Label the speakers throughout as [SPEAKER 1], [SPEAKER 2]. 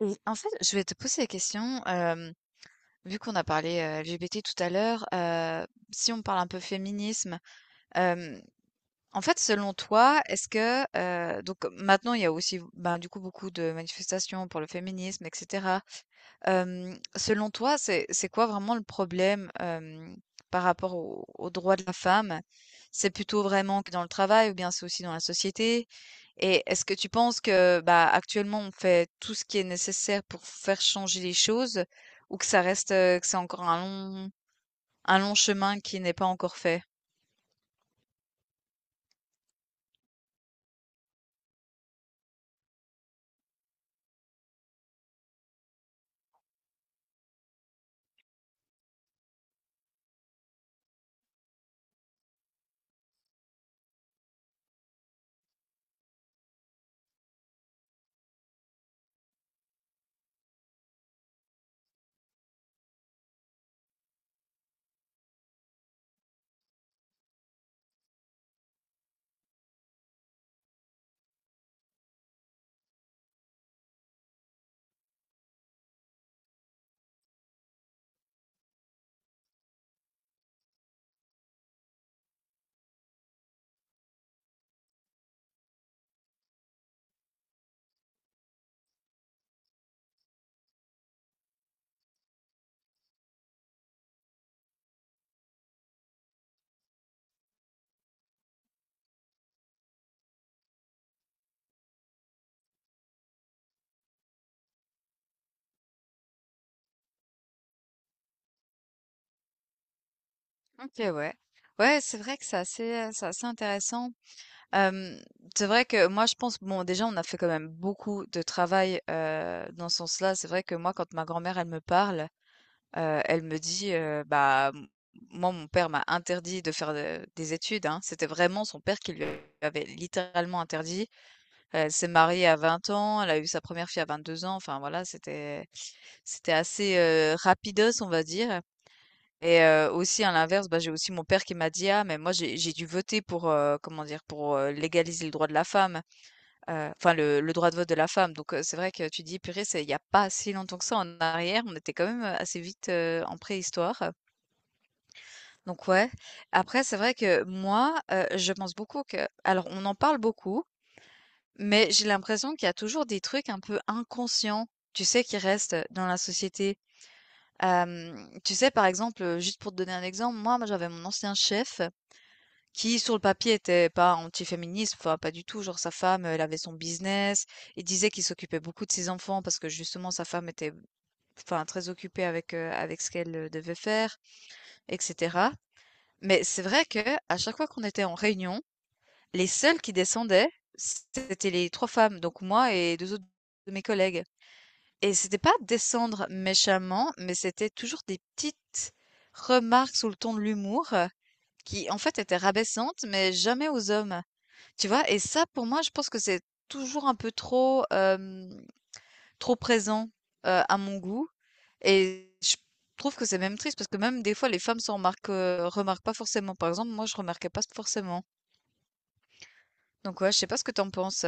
[SPEAKER 1] Et en fait, je vais te poser la question, vu qu'on a parlé, LGBT tout à l'heure. Si on parle un peu féminisme, hem, en fait, selon toi, est-ce que, donc maintenant il y a aussi, ben, du coup, beaucoup de manifestations pour le féminisme et cetera. Selon toi, c'est quoi vraiment le problème, par rapport aux droits de la femme? C'est plutôt vraiment que dans le travail ou bien c'est aussi dans la société? Et est-ce que tu penses que, bah, actuellement, on fait tout ce qui est nécessaire pour faire changer les choses ou que ça reste, que c'est encore un long chemin qui n'est pas encore fait? OK, ouais. Ouais, c'est vrai que c'est assez intéressant. Euh, c'est vrai que moi, je pense, bon, déjà, on a fait quand même beaucoup de travail dans ce sens-là. C'est vrai que moi, quand ma grand-mère, elle me parle, elle me dit, «Bah, m moi, mon père m'a interdit de faire, des études», hein. C'était vraiment son père qui lui avait littéralement interdit. Elle s'est mariée à 20 ans, elle a eu sa première fille à 22 ans, enfin voilà, c'était assez, rapidos, on va dire, et aussi à l'inverse, bah, j'ai aussi mon père qui m'a dit: «Ah mais moi j'ai dû voter pour, comment dire? Pour, légaliser le droit de la femme, enfin le droit de vote de la femme», donc c'est vrai que tu dis: «Purée, c'est il y a pas si longtemps que ça en arrière», on était quand même, assez vite, en préhistoire. Donc ouais. Après, c'est vrai que moi, je pense beaucoup que alors on en parle beaucoup, mais j'ai l'impression qu'il y a toujours des trucs un peu inconscients, tu sais, qui restent dans la société. Tu sais, par exemple, juste pour te donner un exemple, moi j'avais mon ancien chef qui, sur le papier, était pas anti-féministe, enfin pas du tout, genre sa femme, elle avait son business. Il disait qu'il s'occupait beaucoup de ses enfants parce que justement sa femme était, enfin, très occupée avec, avec ce qu'elle, devait faire etc. Mais c'est vrai que à chaque fois qu'on était en réunion, les seules qui descendaient, c'était les 3 femmes, donc moi et 2 autres de mes collègues. Et c'était pas descendre méchamment, mais c'était toujours des petites remarques sous le ton de l'humour, qui en fait étaient rabaissantes, mais jamais aux hommes. Tu vois? Et ça pour moi, je pense que c'est toujours un peu trop, hem trop présent, à mon goût, et je trouve que c'est même triste parce que même des fois les femmes remarquent pas forcément. Par exemple, moi je remarquais pas forcément. Donc ouais, je sais pas ce que t'en penses?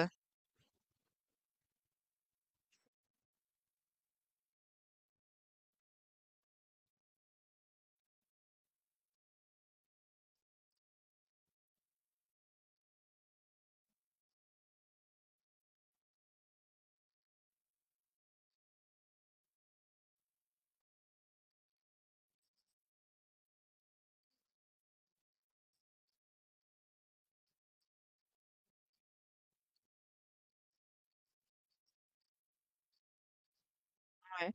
[SPEAKER 1] Ouais.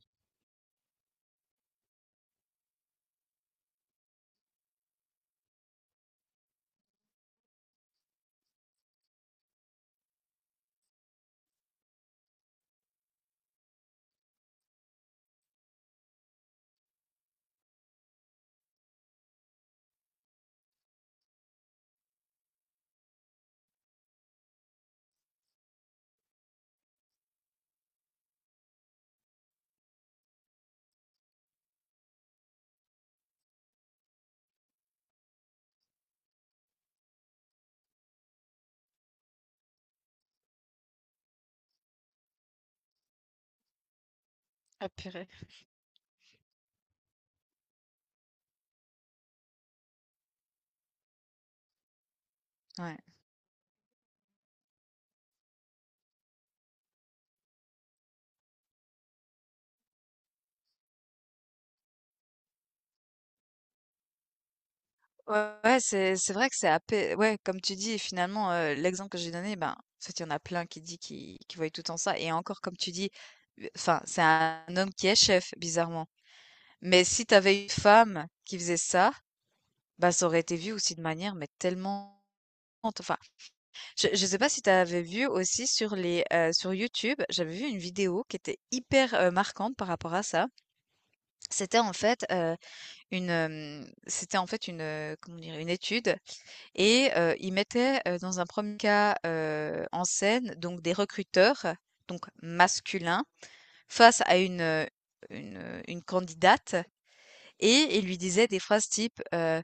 [SPEAKER 1] Ah purée. Ouais, ouais, ouais, c'est vrai que c'est apé ouais, comme tu dis, finalement, l'exemple que j'ai donné, ben, en fait, il y en a plein qui dit qui voient tout en ça. Et encore, comme tu dis, enfin, c'est un homme qui est chef, bizarrement. Mais si t'avais une femme qui faisait ça, bah, ça aurait été vu aussi de manière, mais tellement, enfin, je ne sais pas si tu avais vu aussi sur les, sur YouTube, j'avais vu une vidéo qui était hyper, marquante par rapport à ça. C'était en fait, c'était en fait une, comment dire? Une étude, et ils mettaient, dans un premier cas, en scène donc des recruteurs, donc masculins, face à une candidate, et il lui disait des phrases type,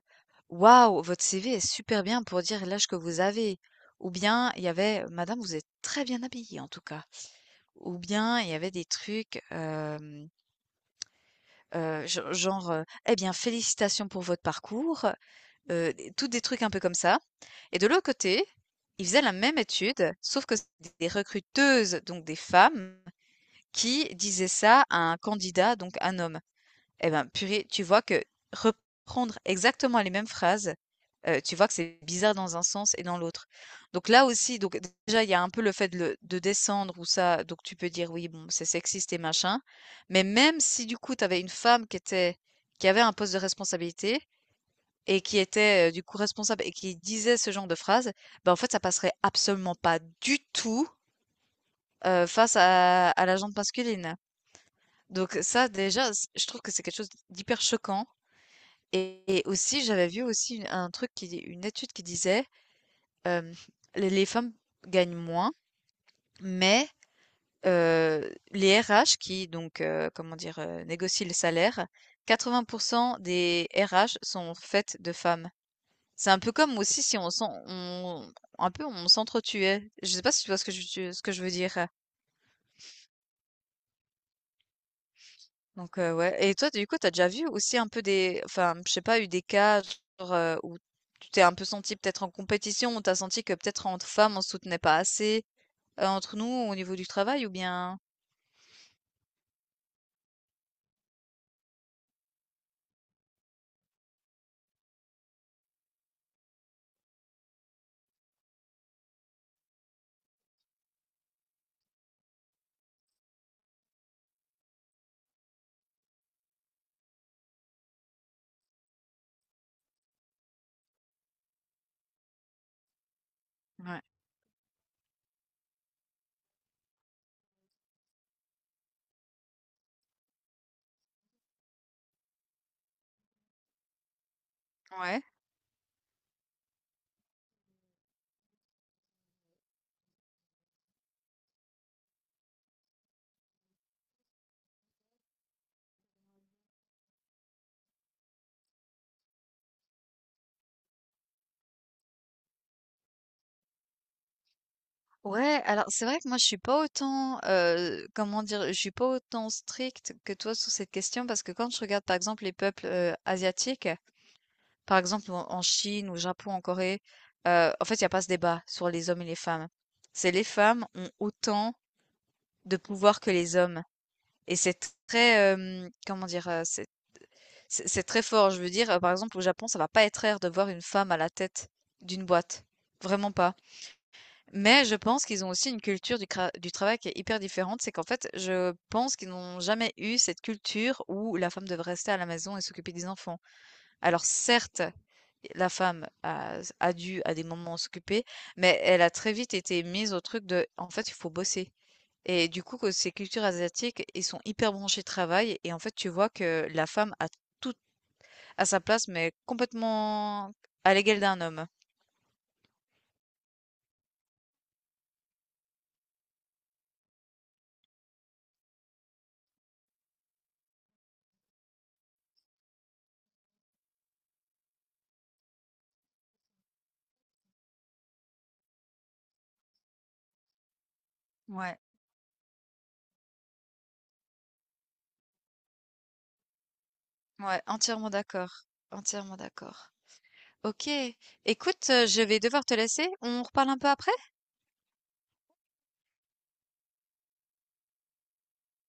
[SPEAKER 1] «Waouh, votre CV est super bien pour dire l'âge que vous avez», ou bien il y avait: «Madame, vous êtes très bien habillée en tout cas», ou bien il y avait des trucs, hem, gen genre, «Eh bien félicitations pour votre parcours», des tous des trucs un peu comme ça, et de l'autre côté, ils faisaient la même étude, sauf que c'était des recruteuses, donc des femmes, qui disaient ça à un candidat, donc un homme. Eh ben, purée, tu vois que reprendre exactement les mêmes phrases, tu vois que c'est bizarre dans un sens et dans l'autre. Donc là aussi, donc déjà, il y a un peu le fait de le de descendre ou ça, donc tu peux dire: «Oui, bon, c'est sexiste et machin». Mais même si du coup, tu avais une femme qui avait un poste de responsabilité et qui était, du coup responsable et qui disait ce genre de phrase, ben en fait, ça passerait absolument pas du tout, face à la gente masculine. Donc ça, déjà, c je trouve que c'est quelque chose d'hyper choquant. Et aussi, j'avais vu aussi une étude qui disait, hem, les femmes gagnent moins, mais, les RH qui donc, comment dire? Négocient les salaires, 80% des RH sont faites de femmes. C'est un peu comme aussi si on s'en on un peu on s'entretuait. Je sais pas si tu vois ce que je veux dire? Donc ouais, et toi, du coup, t'as déjà vu aussi un peu des je sais pas, eu des cas genre, où tu t'es un peu senti peut-être en compétition, où tu senti que peut-être entre femmes, on se soutenait pas assez, entre nous, au niveau du travail ou bien? Ouais. Ouais. Ouais, alors c'est vrai que moi, je suis pas autant, comment dire? Je suis pas autant stricte que toi sur cette question parce que quand je regarde, par exemple, les peuples, asiatiques, par exemple, en Chine, au Japon, en Corée, en fait, il y a pas ce débat sur les hommes et les femmes. C'est les femmes ont autant de pouvoir que les hommes. Et c'est très, comment dire, c'est très fort. Je veux dire, par exemple, au Japon, ça va pas être rare de voir une femme à la tête d'une boîte. Vraiment pas. Mais je pense qu'ils ont aussi une culture du travail qui est hyper différente. C'est qu'en fait, je pense qu'ils n'ont jamais eu cette culture où la femme devrait rester à la maison et s'occuper des enfants. Alors certes, la femme a dû à des moments s'occuper, mais elle a très vite été mise au truc de: «En fait, il faut bosser», et du coup que ces cultures asiatiques, ils sont hyper branchés travail, et en fait, tu vois que la femme a tout à sa place, mais complètement à l'égal d'un homme. Ouais. Ouais, entièrement d'accord, entièrement d'accord. OK, écoute, je vais devoir te laisser, on reparle un peu après?